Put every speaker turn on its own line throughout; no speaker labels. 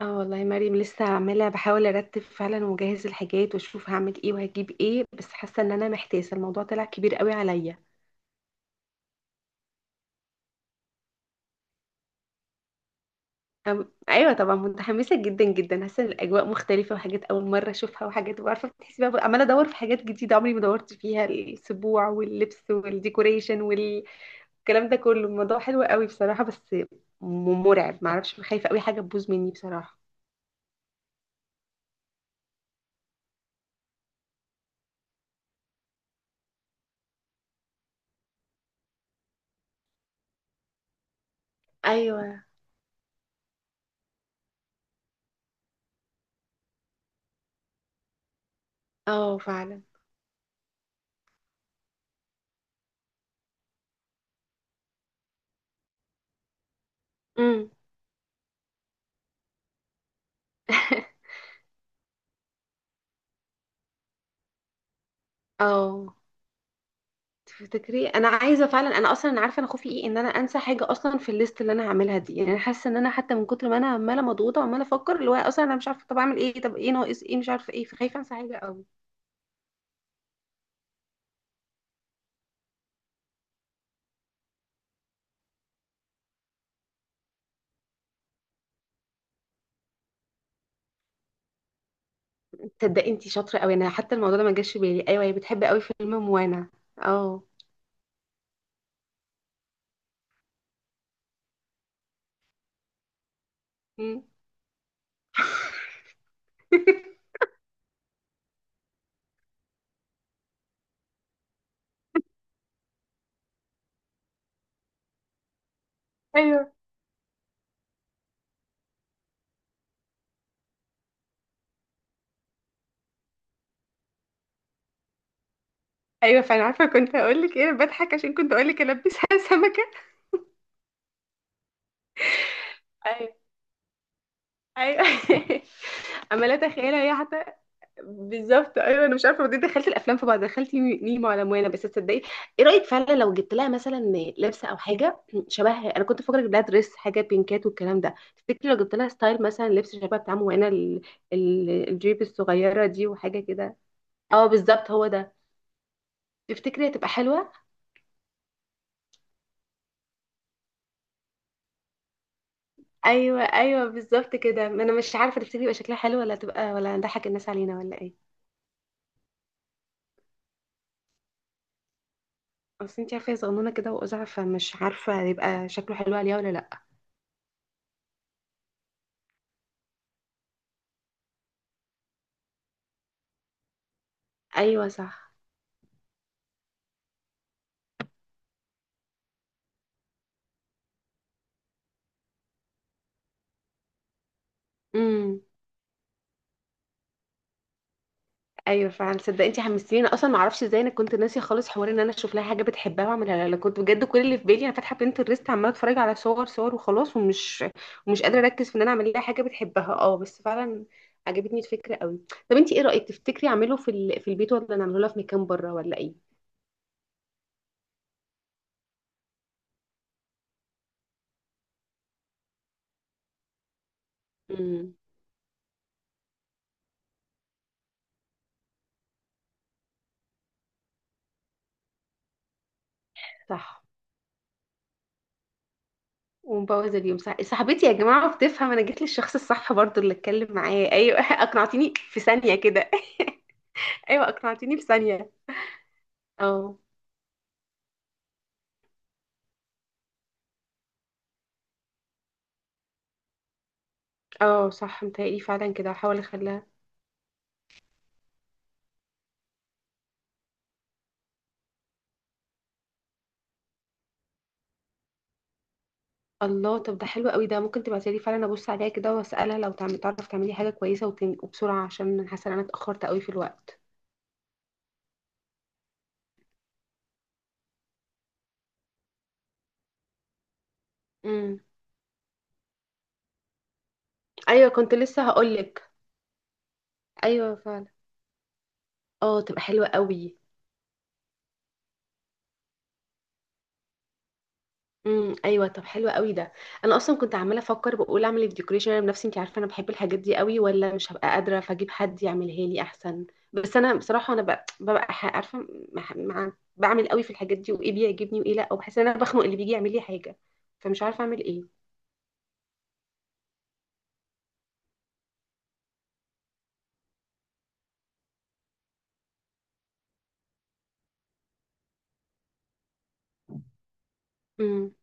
اه والله يا مريم، لسه عماله بحاول ارتب فعلا واجهز الحاجات واشوف هعمل ايه وهجيب ايه. بس حاسه ان انا محتاسه، الموضوع طلع كبير قوي عليا. ايوه طبعا، متحمسه جدا جدا. حاسه ان الاجواء مختلفه وحاجات اول مره اشوفها، وحاجات، وعارفه بتحسي بقى، عماله ادور في حاجات جديده عمري ما دورت فيها، السبوع واللبس والديكوريشن والكلام ده كله. الموضوع حلو قوي بصراحه، بس مرعب. معرفش، خايفه قوي حاجه تبوظ مني بصراحه. ايوه. اه فعلا. امم. اه. تفتكري انا عايزه فعلا؟ انا اصلا انا عارفه انا خوفي ايه، ان انا انسى حاجه اصلا في الليست اللي انا هعملها دي. يعني انا حاسه ان انا حتى من كتر ما انا عماله مضغوطه وعماله افكر، اللي هو اصلا انا مش عارفه طب اعمل ايه، طب ايه ناقص، ايه مش عارفه ايه، فخايفه انسى حاجه قوي. تصدقي انتي شاطره قوي، انا حتى الموضوع ده ما جاش في بالي. ايوه هي بتحب قوي فيلم موانا. اه. مم. ايوه ايوه، فانا عارفه كنت هقول لك ايه. أنا بضحك عشان كنت اقول لك البسها سمكه. ايوه ايوه. عماله اتخيلها هي حتى. بالظبط. ايوه، انا مش عارفه، ودي دخلت الافلام في بعض، دخلت نيمو على موانا. بس تصدقي، ايه رايك فعلا لو جبت لها مثلا لبسه او حاجه شبه، انا كنت فاكره اجيب لها دريس، حاجه بينكات والكلام ده. تفتكري لو جبت لها ستايل مثلا لبس شبه بتاع موانا، الجيب الصغيره دي وحاجه كده؟ اه بالظبط، هو ده. تفتكري هتبقى حلوه؟ ايوه ايوه بالظبط كده. ما انا مش عارفه تفتكري يبقى شكلها حلو ولا تبقى، ولا نضحك الناس علينا، ولا ايه؟ اصل انت عارفه هي صغنونه كده واقزع، فمش عارفه هيبقى شكله حلو عليها ولا لا. ايوه صح. امم. ايوه فعلا، صدق انت حمستيني. انا اصلا ما اعرفش ازاي، انا كنت ناسيه خالص حوار ان انا اشوف لها حاجه بتحبها واعملها لها. لا، كنت بجد كل اللي في بالي انا فاتحه بنترست، عماله اتفرج على صور صور وخلاص، ومش قادره اركز في ان انا اعمل لها حاجه بتحبها. اه بس فعلا، عجبتني الفكره قوي. طب انت ايه رايك، تفتكري اعمله في البيت ولا نعمله لها في مكان بره ولا ايه؟ امم. صح. ومبوظ اليوم، صح؟ صاحبتي يا جماعه بتفهم، انا جيت للشخص الصح برضو اللي اتكلم معاه، ايوه. اقنعتيني في ثانيه كده. ايوه اقنعتيني في ثانيه. اه اه صح، متهيألي فعلا كده هحاول اخليها. الله، طب ده حلو قوي. ده ممكن تبعتيلي فعلا ابص عليها كده واسالها لو تعرف تعملي حاجه كويسه وبسرعه، عشان أنا حاسه ان انا اتاخرت قوي في الوقت. امم. ايوه كنت لسه هقولك. ايوه فعلا. اه تبقى حلوه قوي. ايوه، طب حلو قوي ده. انا اصلا كنت عماله افكر بقول اعمل الديكوريشن انا بنفسي، انت عارفه انا بحب الحاجات دي قوي، ولا مش هبقى قادره فاجيب حد يعملها لي احسن. بس انا بصراحه انا ببقى عارفه، بعمل قوي في الحاجات دي وايه بيعجبني وايه لا، وبحس ان انا بخنق اللي بيجي يعمل لي حاجه، فمش عارفه اعمل ايه. امم.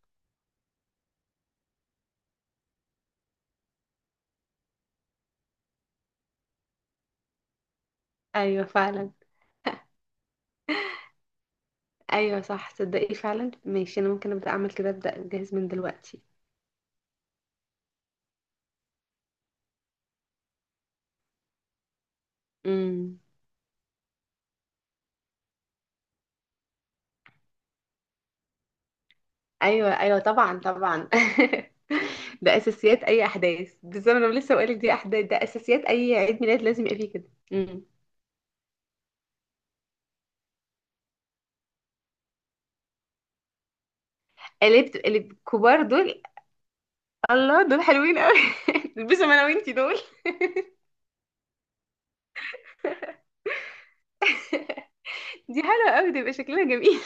ايوه فعلا. ايوه صح تصدقي فعلا، ماشي، انا ممكن ابدا اعمل كده، ابدا اجهز من دلوقتي. امم. ايوه ايوه طبعا طبعا. ده اساسيات اي احداث، بالظبط انا لسه بقولك دي احداث، ده اساسيات اي عيد ميلاد لازم يبقى فيه كده. امم. قلبت قلب، كبار دول. الله، دول حلوين قوي. البسهم انا وانتي دول. دي حلوه قوي، ده يبقى شكلنا جميل.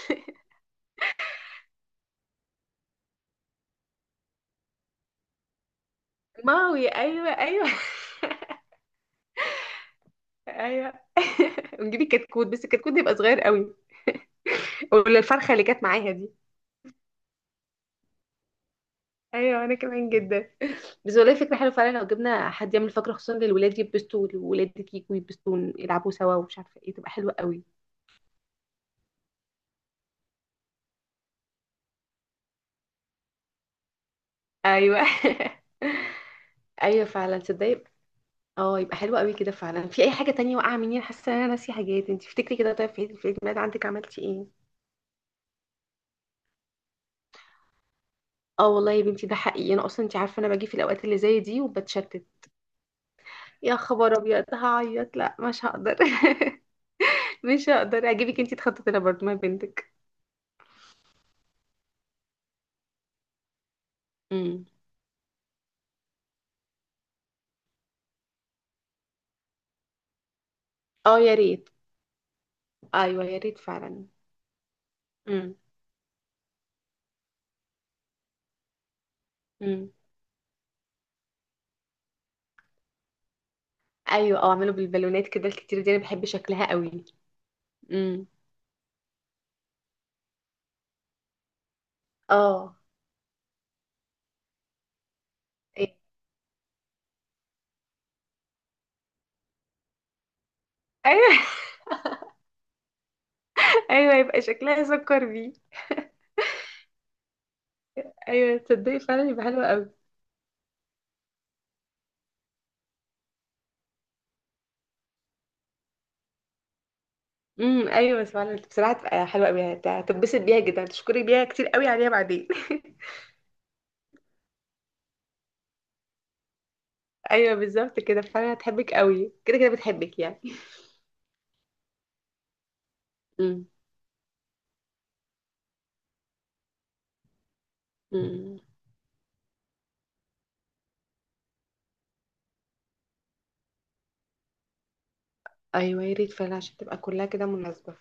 ماوي، ايوه ايوه. ايوه. ونجيب الكتكوت، بس الكتكوت ده يبقى صغير قوي، ولا الفرخه اللي كانت معاها دي؟ ايوه انا كمان جدا. بس والله فكره حلوه فعلا، لو جبنا حد يعمل فقره خصوصا للولاد يلبسوا، والولاد كيك ويلبسوا يلعبوا سوا، ومش عارفه ايه، تبقى حلوه قوي. ايوه. ايوه فعلا تصدقي. اه يبقى حلو قوي كده فعلا. في اي حاجه تانية واقعه مني؟ انا حاسه ان انا ناسيه حاجات. انت افتكري كده، طيب في عيد الميلاد عندك عملتي ايه؟ اه والله يا بنتي ده حقيقي، انا اصلا انت عارفه انا باجي في الاوقات اللي زي دي وبتشتت. يا خبر ابيض، هعيط، لا مش هقدر. مش هقدر اجيبك انت تخططي لها برضه، ما بنتك. امم. اه يا ريت. ايوه يا ريت فعلا. امم. امم ايوه، اه اعملوا بالبالونات كده الكتير دي، انا بحب شكلها قوي. امم. اه. إيه. ايوه. ايوه يبقى شكلها سكر بيه. ايوه تصدقي فعلا يبقى حلوة قوي. ايوه فعلا، بصراحة تبقى حلوة قوي، هتتبسط بيها جدا، هتشكري بيها كتير قوي عليها بعدين. ايوه بالظبط كده فعلا، هتحبك قوي، كده كده بتحبك يعني. امم. امم ايوه يا ريت فعلا، عشان تبقى كلها كده مناسبة.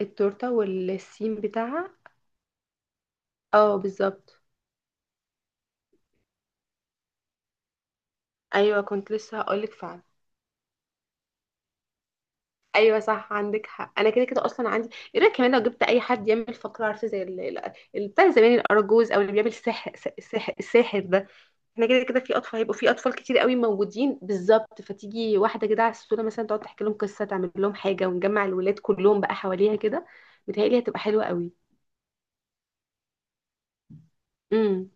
التورتة والسيم بتاعها. اه بالظبط. ايوه كنت لسه هقولك فعلا. ايوه صح عندك حق، انا كده كده اصلا عندي. ايه رايك كمان لو جبت اي حد يعمل فقره، عارفه زي بتاع زمان الارجوز او اللي بيعمل سحر، سحر الساحر ده. احنا كده كده في اطفال هيبقوا، في اطفال كتير قوي موجودين، بالظبط فتيجي واحده كده على الصوره مثلا تقعد تحكي لهم قصه تعمل لهم حاجه، ونجمع الولاد كلهم بقى حواليها كده. متهيألي هتبقى حلوه قوي. امم.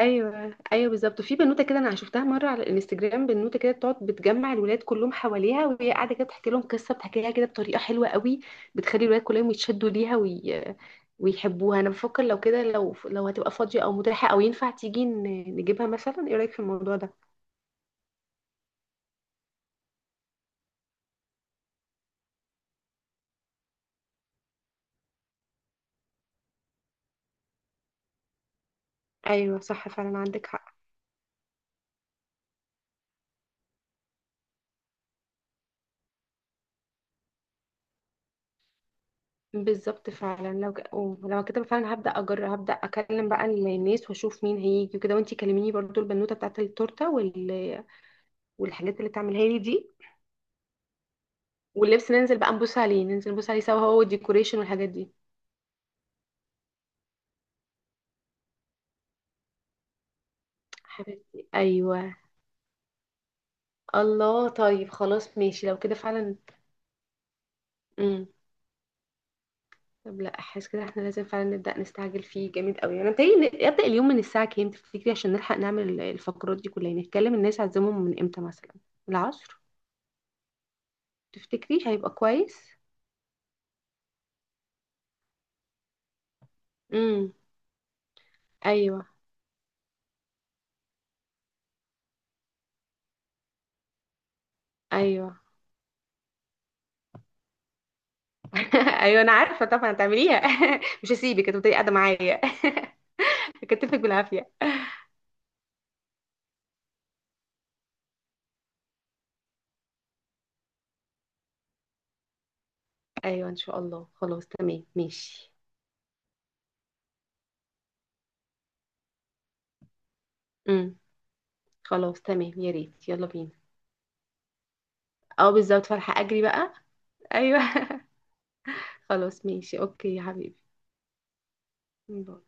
ايوه ايوه بالظبط. وفي بنوته كده انا شفتها مره على الانستجرام، بنوته كده بتقعد بتجمع الولاد كلهم حواليها وهي قاعده كده بتحكي لهم قصه، بتحكيها كده بطريقه حلوه قوي، بتخلي الولاد كلهم يتشدوا ليها ويحبوها. انا بفكر لو كده، لو هتبقى فاضيه او متاحه او ينفع تيجي نجيبها مثلا، ايه رايك في الموضوع ده؟ ايوه صح فعلا عندك حق. بالظبط فعلا لو أو لو كده فعلا هبدا اجرب، هبدا اكلم بقى الناس واشوف مين هيجي وكده. وانتي كلميني برضو البنوته بتاعت التورته والحاجات اللي تعملها لي دي. واللبس، ننزل بقى نبص عليه، ننزل نبص عليه سوا هو والديكوريشن والحاجات دي. حبيبتي ايوه. الله طيب خلاص ماشي لو كده فعلا. امم. طب لا، احس كده احنا لازم فعلا نبدا نستعجل فيه جامد قوي. انا متهيألي ابدا اليوم من الساعه كام تفتكري، عشان نلحق نعمل الفقرات دي كلها؟ يعني نتكلم الناس عزمهم من امتى مثلا. العصر، تفتكري هيبقى كويس؟ امم. ايوه ايوه. ايوه انا عارفه طبعا هتعمليها. مش هسيبك، هتفضلي قاعده معايا. هكتفك بالعافيه. ايوه ان شاء الله. خلاص تمام ماشي. امم. خلاص تمام يا ريت، يلا بينا. اه بالظبط فرحة، اجري بقى. ايوه. خلاص ماشي، اوكي يا حبيبي، باي.